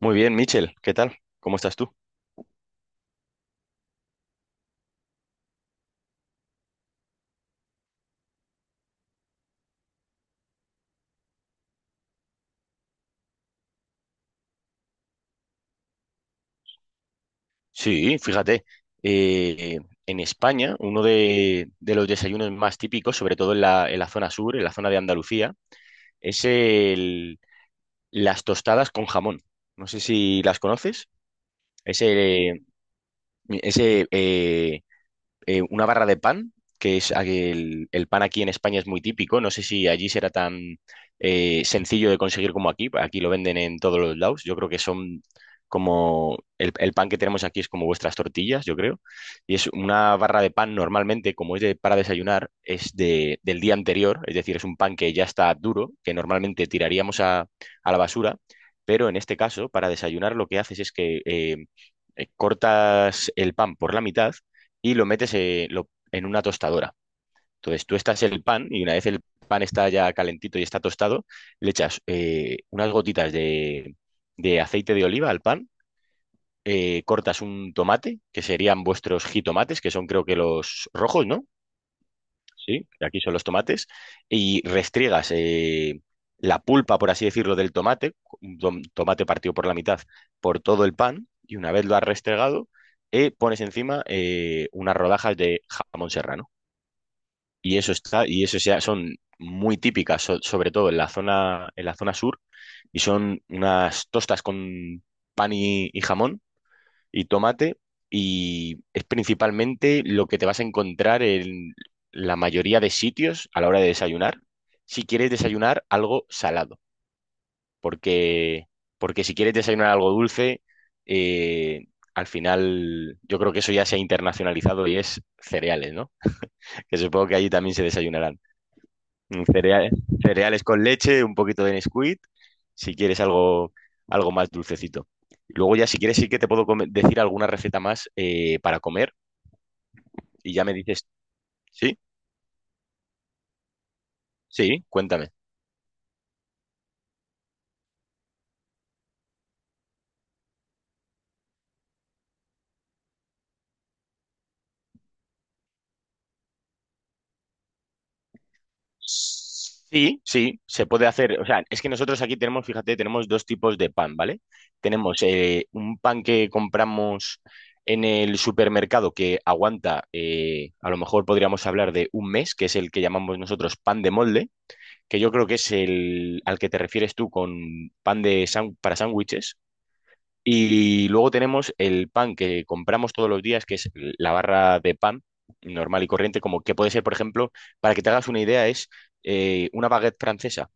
Muy bien, Michel, ¿qué tal? ¿Cómo estás tú? Sí, fíjate, eh, en España uno de los desayunos más típicos, sobre todo en la zona sur, en la zona de Andalucía, es el- las tostadas con jamón. No sé si las conoces. Ese, ese, una barra de pan, que es el pan aquí en España es muy típico. No sé si allí será tan sencillo de conseguir como aquí. Aquí lo venden en todos los lados. Yo creo que son como el pan que tenemos aquí es como vuestras tortillas, yo creo. Y es una barra de pan normalmente, como es para desayunar, es del día anterior. Es decir, es un pan que ya está duro, que normalmente tiraríamos a la basura. Pero en este caso, para desayunar, lo que haces es que cortas el pan por la mitad y lo metes en una tostadora. Entonces tú estás el pan y una vez el pan está ya calentito y está tostado, le echas unas gotitas de aceite de oliva al pan, cortas un tomate, que serían vuestros jitomates, que son creo que los rojos, ¿no? Sí, aquí son los tomates, y restriegas la pulpa, por así decirlo, del tomate, un tomate partido por la mitad, por todo el pan, y una vez lo has restregado, pones encima unas rodajas de jamón serrano. Y eso está, y eso ya son muy típicas, sobre todo en la zona sur, y son unas tostas con pan y jamón y tomate, y es principalmente lo que te vas a encontrar en la mayoría de sitios a la hora de desayunar, si quieres desayunar algo salado, porque, porque si quieres desayunar algo dulce, eh, al final yo creo que eso ya se ha internacionalizado y es cereales, ¿no? Que supongo que allí también se desayunarán. Mm, Cereales, cereales, con leche, un poquito de Nesquik, si quieres algo más dulcecito. Y luego ya si quieres sí que te puedo decir alguna receta más para comer y ya me dices, sí, sí, cuéntame. Sí, sí, se puede hacer. O sea, es que nosotros aquí tenemos, fíjate, tenemos dos tipos de pan, ¿vale? Tenemos un pan que compramos en el supermercado que aguanta, a lo mejor podríamos hablar de un mes, que es el que llamamos nosotros pan de molde que yo creo que es el al que te refieres tú con pan de para sándwiches. Y luego tenemos el pan que compramos todos los días, que es la barra de pan normal y corriente, como que puede ser, por ejemplo, para que te hagas una idea, es una baguette francesa.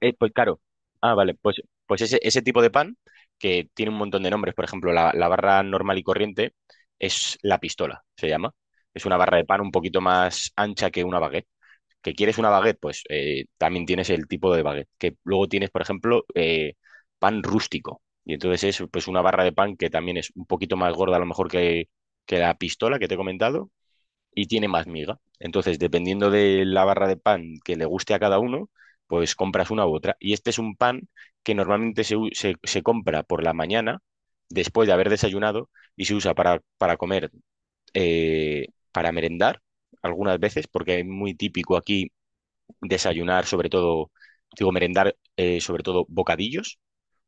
Pues claro. Ah, vale, pues ese tipo de pan que tiene un montón de nombres, por ejemplo, la barra normal y corriente es la pistola, se llama. Es una barra de pan un poquito más ancha que una baguette. ¿Que quieres una baguette? Pues también tienes el tipo de baguette. Que luego tienes, por ejemplo, pan rústico. Y entonces es pues una barra de pan que también es un poquito más gorda a lo mejor que la pistola que te he comentado y tiene más miga. Entonces, dependiendo de la barra de pan que le guste a cada uno, pues compras una u otra. Y este es un pan que normalmente se compra por la mañana, después de haber desayunado, y se usa para comer, para merendar algunas veces, porque es muy típico aquí desayunar sobre todo, digo, merendar sobre todo bocadillos,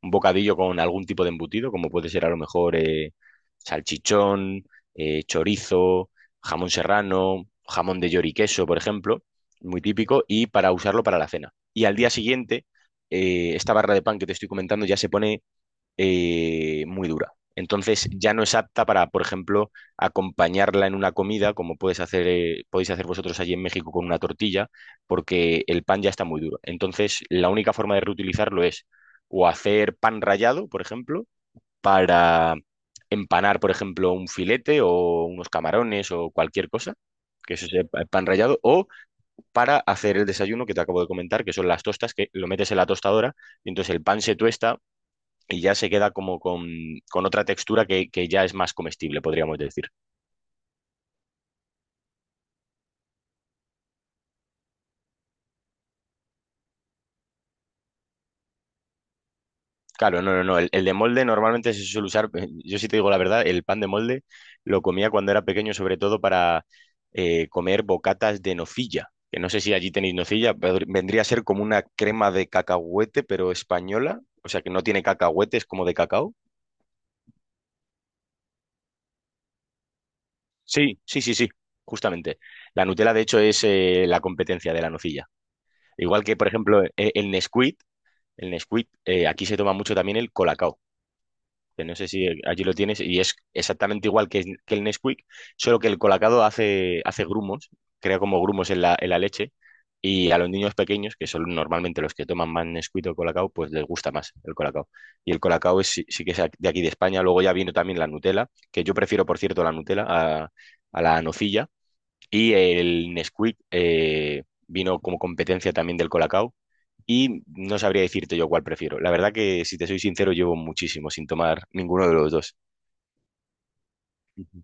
un bocadillo con algún tipo de embutido, como puede ser a lo mejor salchichón, chorizo, jamón serrano, jamón de york y queso por ejemplo, muy típico, y para usarlo para la cena. Y al día siguiente, esta barra de pan que te estoy comentando ya se pone muy dura. Entonces ya no es apta para, por ejemplo, acompañarla en una comida, como puedes hacer, podéis hacer vosotros allí en México con una tortilla, porque el pan ya está muy duro. Entonces, la única forma de reutilizarlo es o hacer pan rallado, por ejemplo, para empanar, por ejemplo, un filete o unos camarones o cualquier cosa, que eso sea pan rallado, o para hacer el desayuno que te acabo de comentar, que son las tostas, que lo metes en la tostadora y entonces el pan se tuesta y ya se queda como con otra textura que ya es más comestible, podríamos decir. Claro, no, no, no. El de molde normalmente se suele usar, yo sí te digo la verdad, el pan de molde lo comía cuando era pequeño, sobre todo para comer bocatas de nocilla. Que no sé si allí tenéis nocilla, pero vendría a ser como una crema de cacahuete, pero española. O sea, que no tiene cacahuetes como de cacao. Sí, sí, sí, sí, justamente. La Nutella, de hecho, es la competencia de la nocilla. Igual que, por ejemplo, el Nesquik, El Nesquik, aquí se toma mucho también el Colacao, que no sé si allí lo tienes, y es exactamente igual que el Nesquik, solo que el Colacao hace grumos, crea como grumos en la leche, y a los niños pequeños, que son normalmente los que toman más Nesquik o Colacao, pues les gusta más el Colacao. Y el Colacao es, sí, sí que es de aquí de España, luego ya vino también la Nutella, que yo prefiero, por cierto, la Nutella a la nocilla, y el Nesquik, vino como competencia también del Colacao y no sabría decirte yo cuál prefiero. La verdad que, si te soy sincero, llevo muchísimo sin tomar ninguno de los dos. Ujú.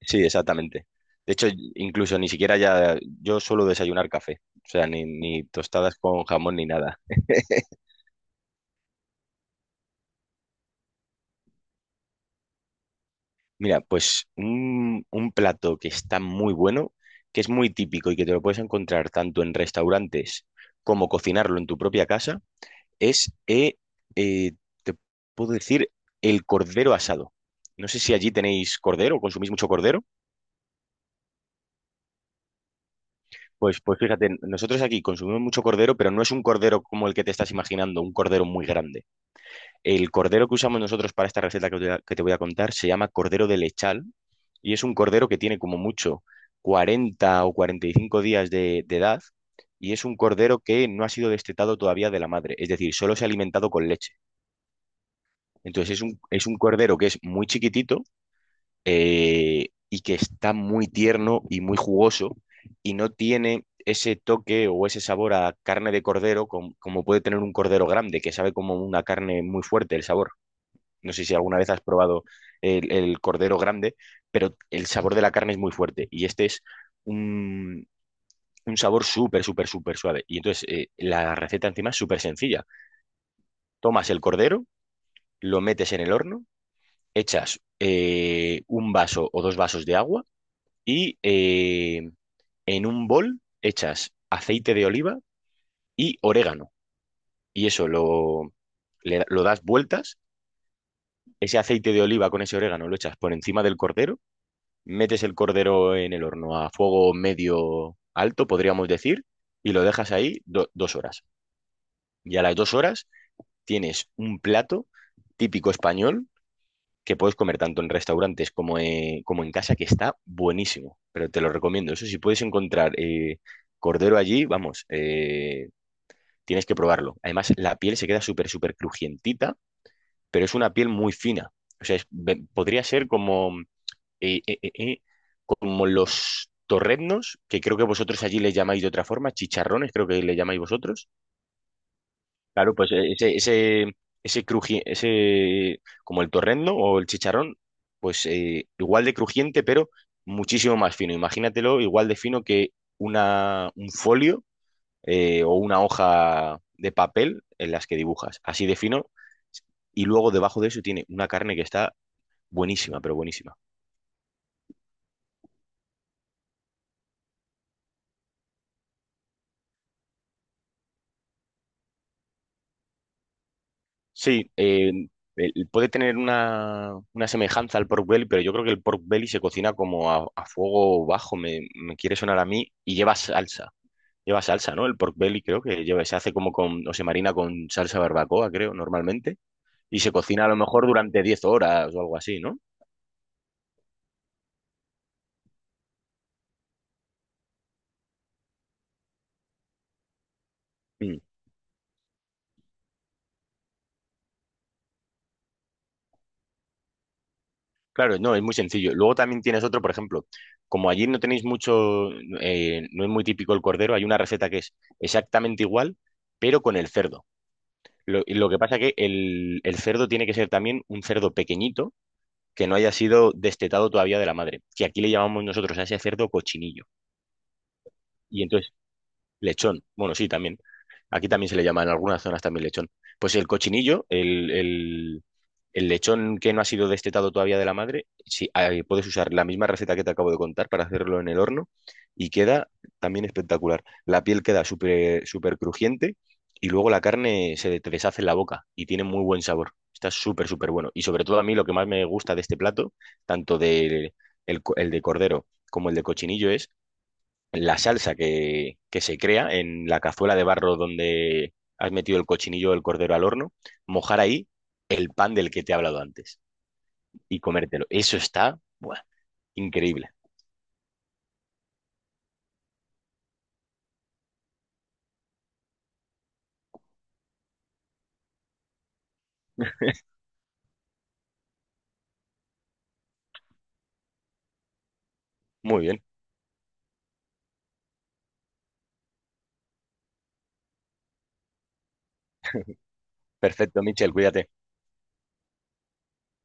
Sí, exactamente. De hecho, incluso ni siquiera ya, yo suelo desayunar café, o sea, ni tostadas con jamón ni nada. Mira, pues un plato que está muy bueno, que es muy típico y que te lo puedes encontrar tanto en restaurantes como cocinarlo en tu propia casa, es, eh, te puedo decir, el cordero asado. No sé si allí tenéis cordero, ¿consumís mucho cordero? Pues fíjate, nosotros aquí consumimos mucho cordero, pero no es un cordero como el que te estás imaginando, un cordero muy grande. El cordero que usamos nosotros para esta receta que te voy a contar se llama cordero de lechal y es un cordero que tiene como mucho 40 o 45 días de edad y es un cordero que no ha sido destetado todavía de la madre, es decir, solo se ha alimentado con leche. Entonces es un cordero que es muy chiquitito y que está muy tierno y muy jugoso y no tiene ese toque o ese sabor a carne de cordero como puede tener un cordero grande, que sabe como una carne muy fuerte el sabor. No sé si alguna vez has probado el cordero grande, pero el sabor de la carne es muy fuerte y este es un, un sabor súper, súper, súper suave. Y entonces la receta encima es súper sencilla. Tomas el cordero, lo metes en el horno, echas un vaso o dos vasos de agua, y en un bol echas aceite de oliva y orégano. Y eso lo das vueltas. Ese aceite de oliva con ese orégano lo echas por encima del cordero. Metes el cordero en el horno a fuego medio alto, podríamos decir, y lo dejas ahí 2 horas. Y a las 2 horas tienes un plato típico español que puedes comer tanto en restaurantes como, como en casa, que está buenísimo, pero te lo recomiendo. Eso si puedes encontrar cordero allí, vamos, tienes que probarlo. Además, la piel se queda súper, súper crujientita, pero es una piel muy fina. O sea, podría ser como, eh, eh, eh, eh, como los torreznos, que creo que vosotros allí les llamáis de otra forma, chicharrones, creo que le llamáis vosotros. Claro, pues ese, como el torrendo o el chicharrón, pues igual de crujiente, pero muchísimo más fino. Imagínatelo igual de fino que un folio o una hoja de papel en las que dibujas, así de fino. Y luego debajo de eso tiene una carne que está buenísima, pero buenísima. Sí, puede tener una semejanza al pork belly, pero yo creo que el pork belly se cocina como a fuego bajo, me quiere sonar a mí, y lleva salsa. Lleva salsa, ¿no? El pork belly creo que lleva, se hace como con, o se marina con salsa barbacoa, creo, normalmente, y se cocina a lo mejor durante 10 horas o algo así, ¿no? Mm, Claro, no, es muy sencillo. Luego también tienes otro, por ejemplo, como allí no tenéis mucho, no es muy típico el cordero, hay una receta que es exactamente igual, pero con el cerdo. Lo que pasa que el cerdo tiene que ser también un cerdo pequeñito que no haya sido destetado todavía de la madre, que aquí le llamamos nosotros a ese cerdo cochinillo. Y entonces, lechón, bueno, sí, también. Aquí también se le llama en algunas zonas también lechón. Pues el cochinillo, el lechón que no ha sido destetado todavía de la madre, sí, ahí puedes usar la misma receta que te acabo de contar para hacerlo en el horno y queda también espectacular. La piel queda súper súper crujiente y luego la carne se te deshace en la boca y tiene muy buen sabor. Está súper, súper bueno. Y sobre todo a mí lo que más me gusta de este plato, tanto el de cordero como el de cochinillo, la salsa que se crea en la cazuela de barro donde has metido el cochinillo o el cordero al horno, mojar ahí el pan del que te he hablado antes y comértelo. Eso está, buah, increíble. Muy bien. Perfecto, Michel, cuídate.